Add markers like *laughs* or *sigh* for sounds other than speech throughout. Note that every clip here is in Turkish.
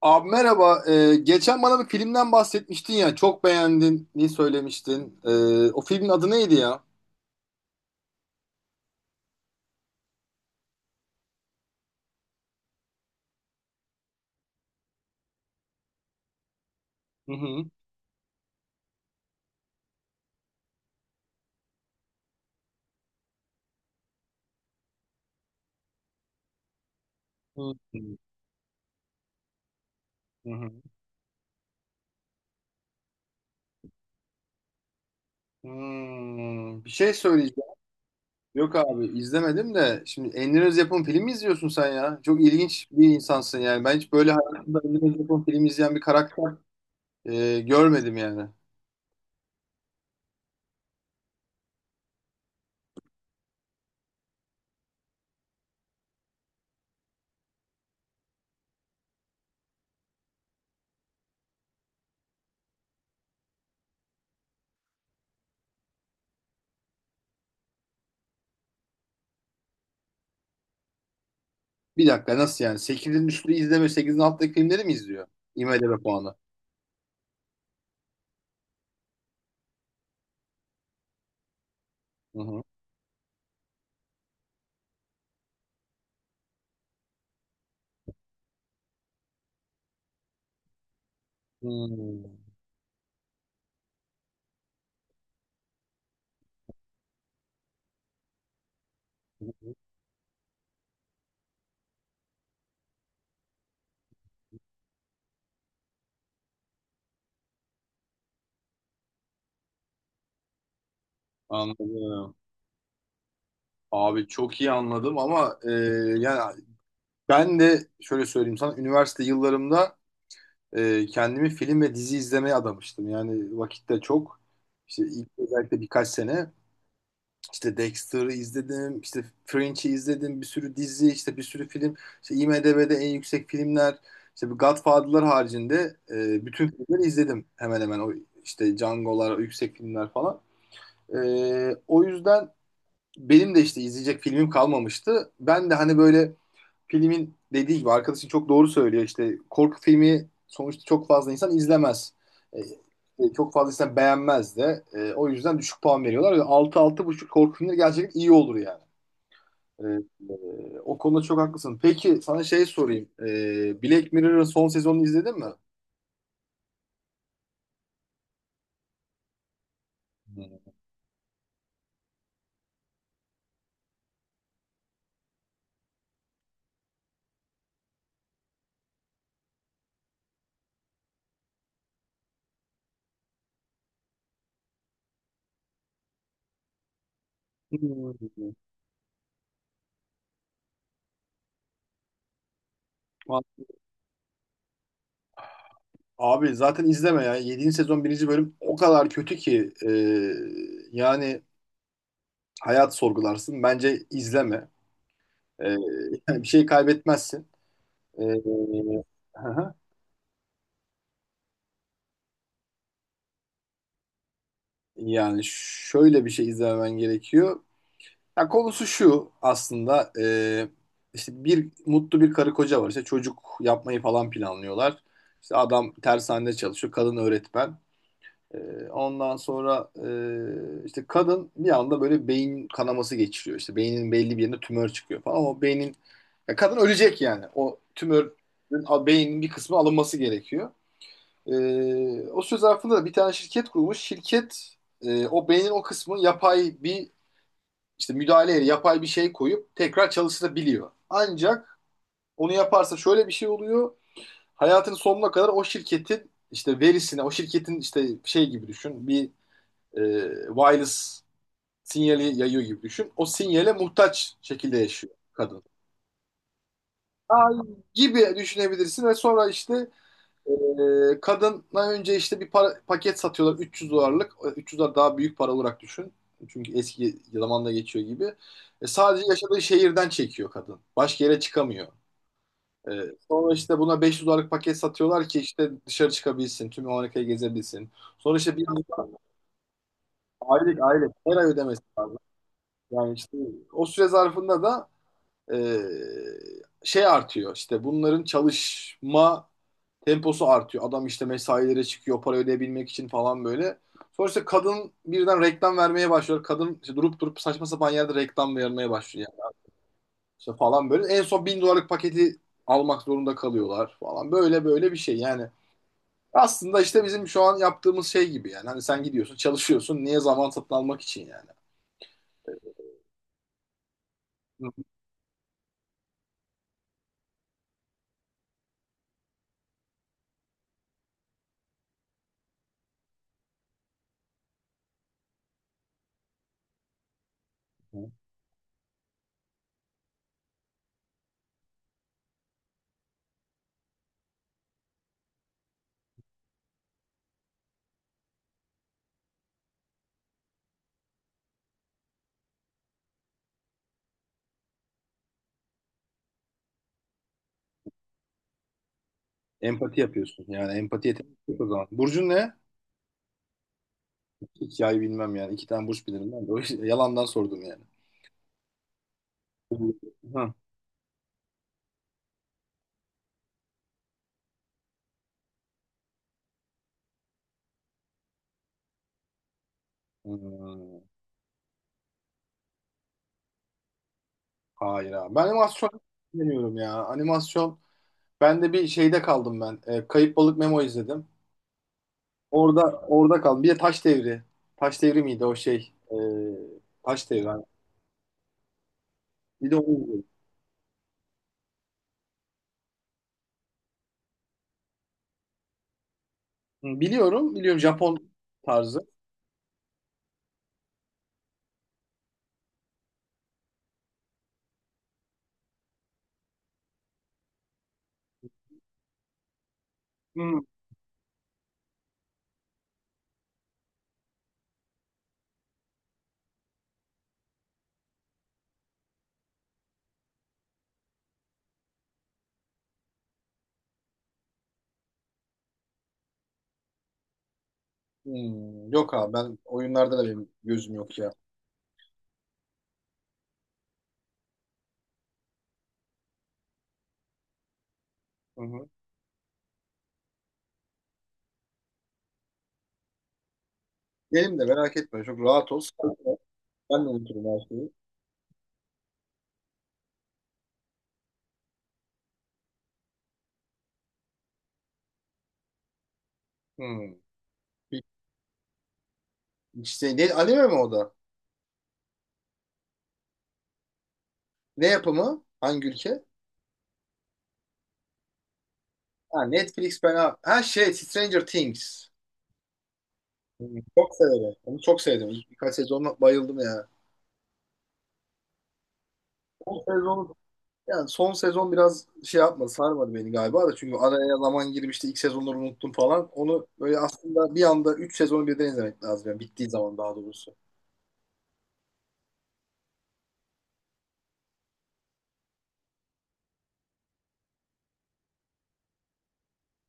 Abi merhaba. Geçen bana bir filmden bahsetmiştin ya. Çok beğendin. Ne söylemiştin? O filmin adı neydi ya? Hı hı. Hı hı. Hı hı. Bir şey söyleyeceğim. Yok abi izlemedim de. Şimdi Emre Öz yapım film mi izliyorsun sen ya? Çok ilginç bir insansın yani. Ben hiç böyle hayatımda Emre Öz yapım film izleyen bir karakter görmedim yani. Bir dakika nasıl yani? Sekizin üstü izleme, sekizin alttaki filmleri mi izliyor? IMDb puanı. Hı hı. Hmm. Anladım. Abi çok iyi anladım ama yani ben de şöyle söyleyeyim sana üniversite yıllarımda kendimi film ve dizi izlemeye adamıştım. Yani vakitte çok işte ilk özellikle birkaç sene işte Dexter'ı izledim, işte Fringe'i izledim, bir sürü dizi, işte bir sürü film. İşte IMDb'de en yüksek filmler, işte bu Godfather'lar haricinde bütün filmleri izledim hemen hemen o işte Django'lar, o yüksek filmler falan. O yüzden benim de işte izleyecek filmim kalmamıştı. Ben de hani böyle filmin dediği gibi arkadaşın çok doğru söylüyor. İşte korku filmi sonuçta çok fazla insan izlemez. E, Çok fazla insan beğenmez de. O yüzden düşük puan veriyorlar. 6 buçuk korku filmleri gerçekten iyi olur yani. E, O konuda çok haklısın. Peki sana şey sorayım. Black Mirror'ın son sezonunu izledin mi? Hmm. Abi zaten izleme ya. 7. sezon 1. bölüm o kadar kötü ki yani hayat sorgularsın. Bence izleme. E, *laughs* Bir şey kaybetmezsin. Ee, hı hı. Yani şöyle bir şey izlemen gerekiyor. Ya konusu şu aslında işte bir mutlu bir karı koca var. İşte çocuk yapmayı falan planlıyorlar. İşte adam tersanede çalışıyor. Kadın öğretmen. Ondan sonra işte kadın bir anda böyle beyin kanaması geçiriyor. İşte beynin belli bir yerine tümör çıkıyor falan. O beynin Ya kadın ölecek yani. O tümörün beynin bir kısmı alınması gerekiyor. O söz zarfında da bir tane şirket kurmuş. O beynin o kısmı yapay bir işte müdahaleyle yapay bir şey koyup tekrar çalıştırabiliyor. Ancak onu yaparsa şöyle bir şey oluyor. Hayatının sonuna kadar o şirketin işte verisine, o şirketin işte şey gibi düşün. Bir e, wireless sinyali yayıyor gibi düşün. O sinyale muhtaç şekilde yaşıyor kadın. Ay gibi düşünebilirsin ve sonra işte kadına önce işte paket satıyorlar 300 dolarlık. 300 dolar daha büyük para olarak düşün. Çünkü eski zamanda geçiyor gibi. Sadece yaşadığı şehirden çekiyor kadın. Başka yere çıkamıyor. E, Sonra işte buna 500 dolarlık paket satıyorlar ki işte dışarı çıkabilsin. Tüm Amerika'yı gezebilsin. Sonra işte bir aylık aylık her ay ödemesi lazım. Yani işte o süre zarfında da e, şey artıyor. İşte bunların çalışma temposu artıyor. Adam işte mesailere çıkıyor para ödeyebilmek için falan böyle. Sonra işte kadın birden reklam vermeye başlıyor. Kadın işte durup durup saçma sapan yerde reklam vermeye başlıyor yani. İşte falan böyle. En son 1.000 dolarlık paketi almak zorunda kalıyorlar falan. Böyle böyle bir şey yani. Aslında işte bizim şu an yaptığımız şey gibi yani. Hani sen gidiyorsun, çalışıyorsun. Niye zaman satın almak için yani? Hı hı. Empati yapıyorsun. Yani empati yeteneği yok o zaman. Burcun ne? Hikaye bilmem yani. İki tane burç bilirim ben de. O yüzden yalandan sordum yani. Hı. Hı. Hayır abi. Ben animasyon deniyorum ya. Animasyon. Ben de bir şeyde kaldım ben. Kayıp Balık Memo izledim. Orada orada kaldım. Bir de Taş Devri. Taş Devri miydi o şey? Taş Devri, abi. Bir de onu izledim. Hı, biliyorum. Biliyorum, Japon tarzı. Hı. Yok abi ben oyunlarda da benim gözüm yok ya. Hı hı. Benim de merak etme. Çok rahat ol. Sakin ol. Ben de unuturum her şeyi. Hı. Bir, işte, ne, anime mi o da? Ne yapımı? Hangi ülke? Ha, Netflix ben abi, ha şey, Stranger Things. Hı, çok severim. Onu çok sevdim. İlk birkaç sezonla bayıldım ya. Son sezon yani son sezon biraz şey yapmadı, sarmadı beni galiba da çünkü araya zaman girmişti. İlk sezonları unuttum falan. Onu böyle aslında bir anda 3 sezonu birden izlemek lazım yani bittiği zaman daha doğrusu.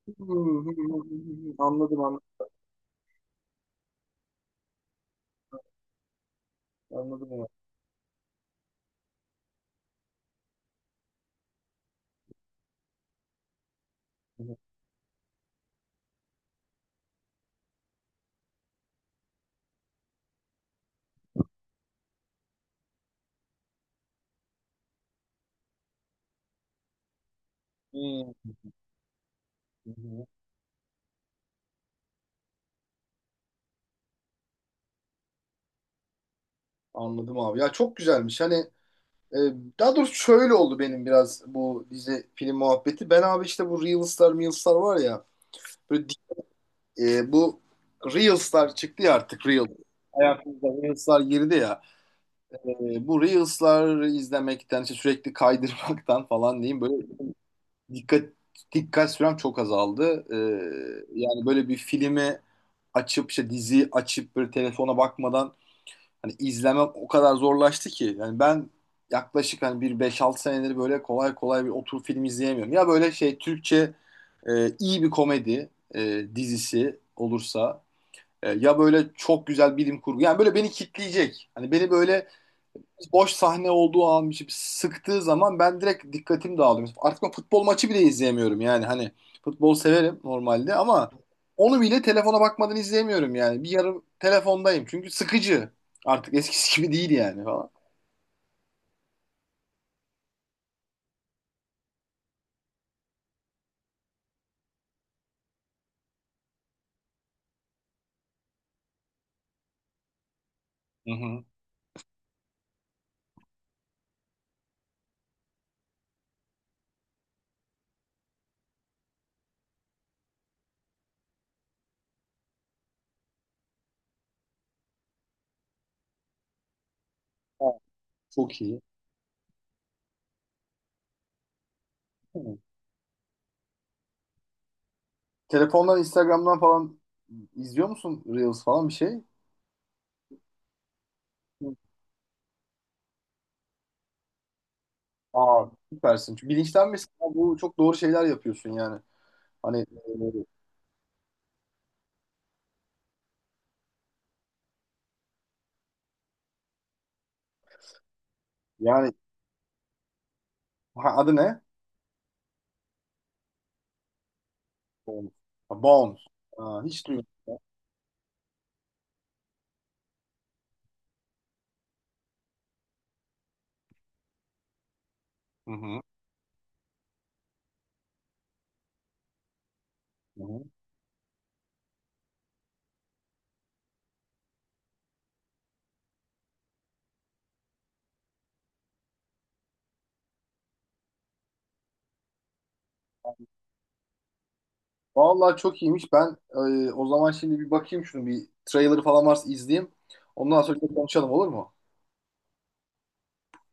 Hı, hı, hı, hı, anladım anladım. Anladım onu. Hı, hı, anladım abi. Ya çok güzelmiş. Hani Ee, daha doğrusu şöyle oldu benim biraz bu dizi film muhabbeti. Ben abi işte bu Reels'lar var ya. Böyle, bu Reels'lar çıktı ya artık Reel. Hayatımıza Reels'lar girdi ya. Bu Reels'lar izlemekten, işte sürekli kaydırmaktan falan diyeyim böyle dikkat dikkat sürem çok azaldı. Yani böyle bir filmi açıp işte diziyi açıp böyle telefona bakmadan hani izlemem o kadar zorlaştı ki. Yani ben yaklaşık hani bir 5-6 senedir böyle kolay kolay bir oturup film izleyemiyorum. Ya böyle şey Türkçe iyi bir komedi dizisi olursa ya böyle çok güzel bilim kurgu. Yani böyle beni kitleyecek. Hani beni böyle boş sahne olduğu an bir şey sıktığı zaman ben direkt dikkatim dağılıyor. Artık ben futbol maçı bile izleyemiyorum yani hani futbol severim normalde ama onu bile telefona bakmadan izleyemiyorum yani. Bir yarım telefondayım çünkü sıkıcı. Artık eskisi *laughs* gibi değil yani falan. Hı hı. Ha, çok iyi. Hı. Telefondan, Instagram'dan falan izliyor musun Reels falan bir şey? Hı. Aa, süpersin. Çünkü bilinçlenmesin. Bu çok doğru şeyler yapıyorsun yani. Hani yani ha, adı ne? Bones. Ha, Bones. Ha, hiç duymadım. Hı hı. Hı hı. Vallahi çok iyiymiş. Ben o zaman şimdi bir bakayım şunu bir trailer falan varsa izleyeyim. Ondan sonra bir konuşalım olur mu?